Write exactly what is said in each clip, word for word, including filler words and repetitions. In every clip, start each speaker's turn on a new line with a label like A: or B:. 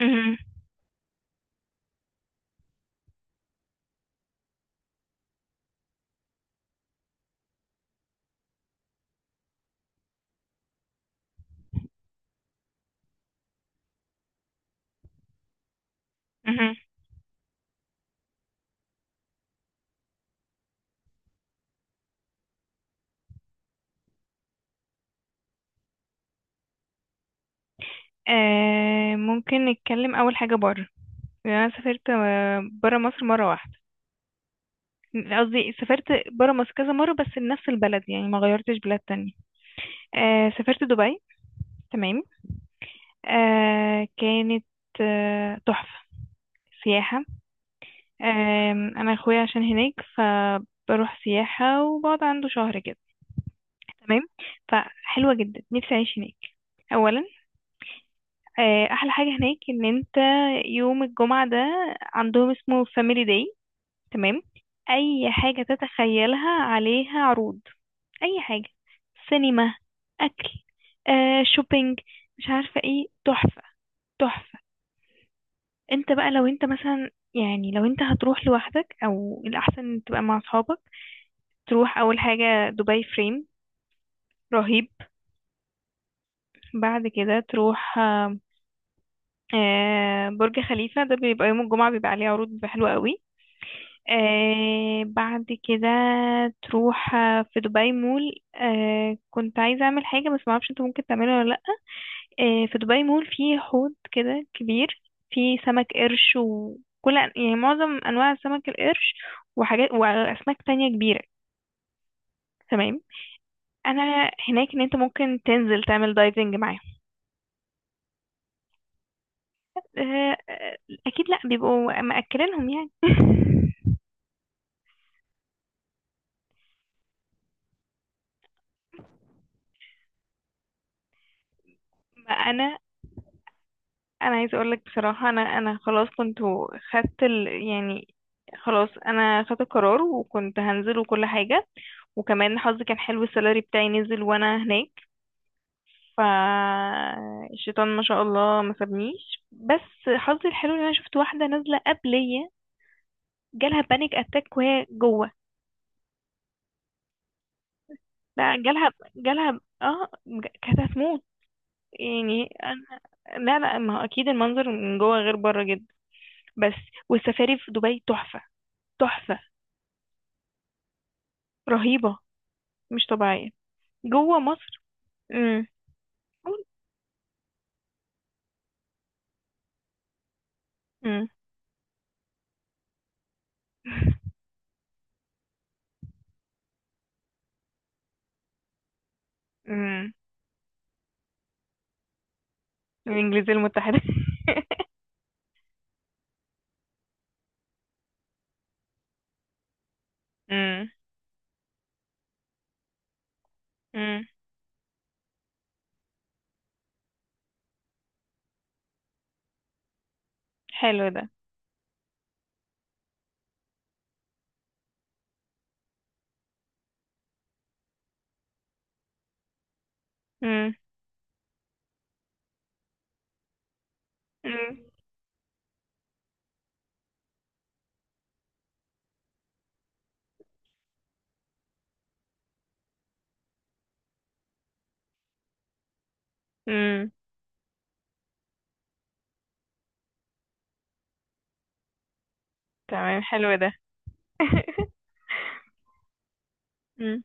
A: مهم. مهم. آه ممكن نتكلم اول حاجه بره. يعني انا سافرت بره مصر مره واحده. قصدي سافرت بره مصر كذا مره بس لنفس البلد، يعني ما غيرتش بلاد تانية. آه سافرت دبي. تمام. آه كانت آه، تحفه، سياحه. آه انا اخويا عشان هناك، فبروح سياحه وبقعد عنده شهر كده. تمام. فحلوه جدا، نفسي اعيش هناك. اولا، آه، احلى حاجه هناك ان انت يوم الجمعه ده عندهم اسمه فاميلي داي. تمام. اي حاجه تتخيلها عليها عروض. اي حاجه، سينما، اكل، آه، شوبينج. مش عارفه ايه، تحفه. تحفه. انت بقى لو انت مثلا، يعني لو انت هتروح لوحدك او الاحسن تبقى مع اصحابك، تروح اول حاجه دبي فريم. رهيب. بعد كده تروح آه، آه، برج خليفه ده بيبقى يوم الجمعه، بيبقى عليه عروض بيبقى حلوه قوي. آه بعد كده تروح آه، في دبي مول. آه كنت عايزة أعمل حاجة بس معرفش انت ممكن تعملها ولا لأ. آه في دبي مول فيه حوض كده كبير، فيه سمك قرش وكل يعني معظم أنواع سمك القرش، وحاجات وأسماك تانية كبيرة. تمام. أنا هناك إن انت ممكن تنزل تعمل دايفنج معاهم. آه آه، أكيد لأ، بيبقوا مأكلينهم يعني ما أنا انا عايزه اقول لك بصراحه، انا انا خلاص كنت خدت ال... يعني خلاص انا خدت القرار وكنت هنزل وكل حاجه. وكمان حظي كان حلو، السالري بتاعي نزل وانا هناك. ف الشيطان ما شاء الله ما سابنيش، بس حظي الحلو ان انا شفت واحده نازله قبليه، جالها بانيك اتاك وهي جوه. لا جالها، جالها اه ج- كانت هتموت. يعني أنا... لا لا، ما هو اكيد المنظر من جوه غير بره جدا. بس والسفاري في دبي تحفه. تحفه. رهيبة. مش طبيعية. جوه مصر. امم. امم. امم. الانجليزية المتحدة امم. امم. حلو ده. امم. امم. امم. تمام. حلو ده امم.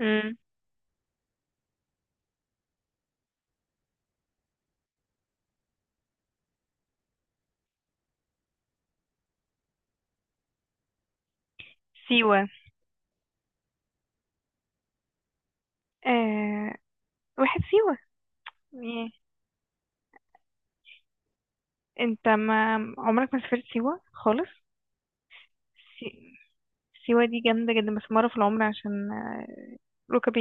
A: امم. سيوة. آه واحد سيوة. إيه. انت ما عمرك ما سافرت سيوة خالص؟ سي... سيوة دي جامدة جدا بس مرة في العمر، عشان آه، ركبي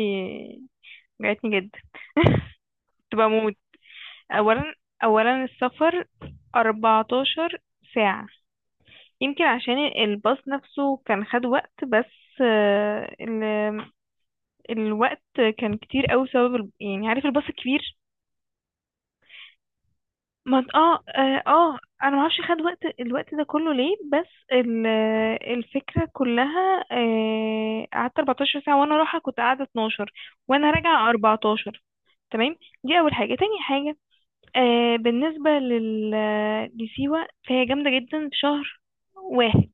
A: وجعتني جدا، كنت بموت. اولا، اولا السفر 14 ساعة، يمكن عشان الباص نفسه كان خد وقت، بس آه، ال... الوقت كان كتير قوي بسبب ال... يعني عارف الباص الكبير؟ ما انت- اه اه آه، انا ما اعرفش خد وقت الوقت ده كله ليه، بس ال... الفكرة كلها، آه، قعدت 14 ساعة وانا رايحة، كنت قاعدة اتناشر وانا راجعة اربعتاشر. تمام. دي اول حاجة. تاني حاجة، آه بالنسبة لل... لسيوة، فهي جامدة جدا في شهر واحد.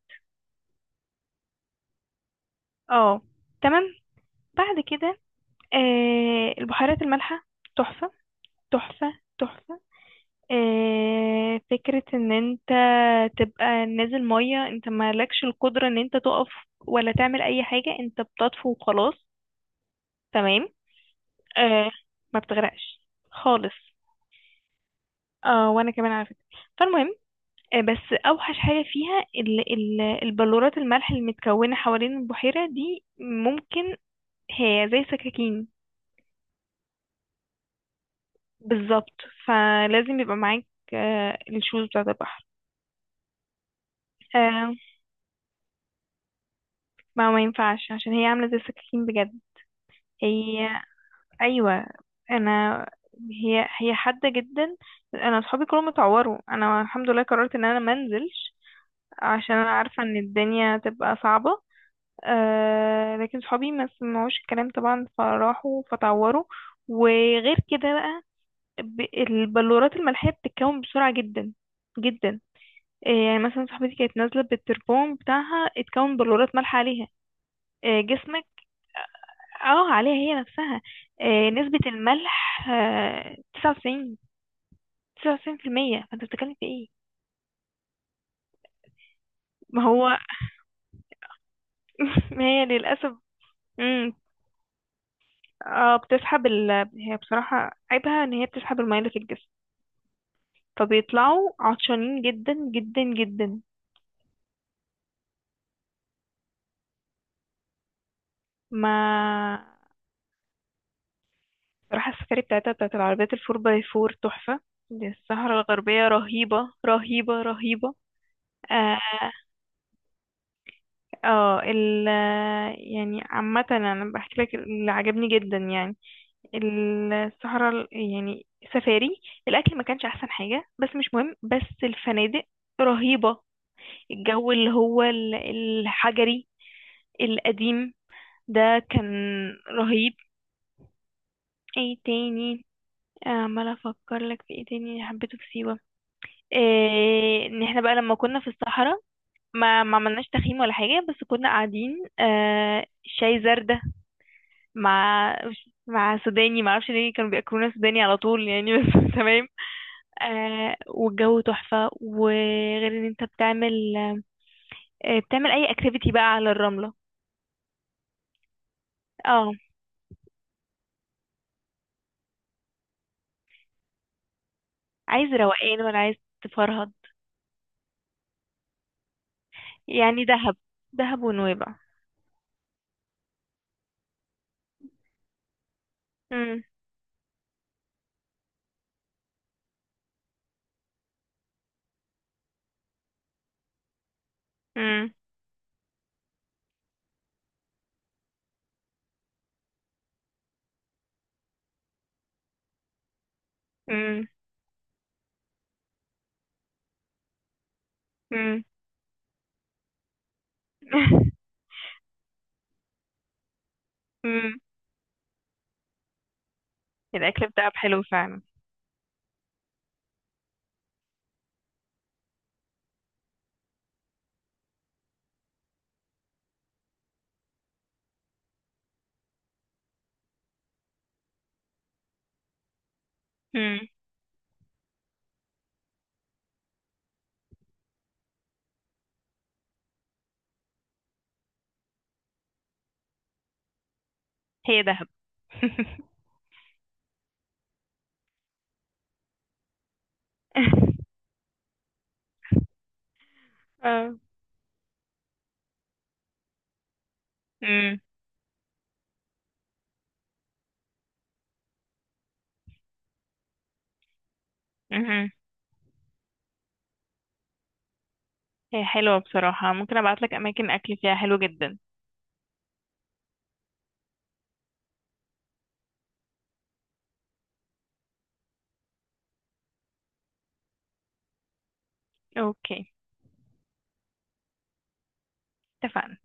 A: اه. تمام. بعد كده آه البحيرات المالحة، تحفة، تحفة تحفة. آه فكرة ان انت تبقى نازل مية، انت مالكش القدرة ان انت تقف ولا تعمل اي حاجة، انت بتطفو وخلاص. تمام. آه. ما بتغرقش خالص. اه، وانا كمان على فكرة. فالمهم، آه، بس اوحش حاجه فيها ال ال البلورات الملح المتكونه حوالين البحيره دي، ممكن هي زي سكاكين. بالظبط. فلازم يبقى معاك آه، الشوز بتاعه البحر. آه. ما ما ينفعش، عشان هي عامله زي السكاكين بجد. هي ايوه. انا هي هي حاده جدا. انا اصحابي كلهم اتعوروا، انا الحمد لله قررت ان انا ما انزلش، عشان انا عارفه ان الدنيا تبقى صعبه. آه لكن صحابي ما سمعوش الكلام طبعا، فراحوا فتعوروا. وغير كده بقى، ب- البلورات الملحية بتتكون بسرعة جدا جدا. آه يعني مثلا صاحبتي كانت نازلة بالتربون بتاعها، اتكون بلورات ملح عليها. آه جسمك. اه، عليها هي نفسها. آه، نسبة الملح، آه تسعة وتسعين، تسعة وتسعين في المية، فانت بتتكلم في ايه. ما هو ما هي للأسف. مم، اه، بتسحب ال... هي بصراحة عيبها ان هي بتسحب المية اللي في الجسم، فبيطلعوا عطشانين جدا جدا جدا. ما راح السفاري بتاعتها بتاعت العربيات الفور باي فور تحفة. دي الصحراء الغربية رهيبة، رهيبة رهيبة. اه، آه، ال يعني عامة انا بحكي لك اللي عجبني جدا يعني. الصحراء ال- يعني سفاري. الاكل ما كانش احسن حاجة بس مش مهم، بس الفنادق رهيبة. الجو اللي هو ال- الحجري القديم ده كان رهيب. ايه تاني، عمال افكر لك في ايه تاني اللي حبيته في سيوة. إيه ان احنا بقى لما كنا في الصحراء، ما ما عملناش تخييم ولا حاجة بس كنا قاعدين آه شاي زردة مع مع سوداني، ما اعرفش ليه كانوا بياكلونا سوداني على طول يعني بس تمام. آه، والجو تحفة. وغير ان انت بتعمل آه بتعمل اي اكتيفيتي بقى على الرملة. اه. عايز روقان ولا عايز تفرهد؟ يعني دهب، دهب ونويبع. امم. امم. مم. الأكل بتاعها حلو فعلا. مم. هي دهب اه. مم. مهم. هي حلوة بصراحة، ممكن أبعتلك أماكن أكل فيها حلو جدا. أوكي. اتفقنا.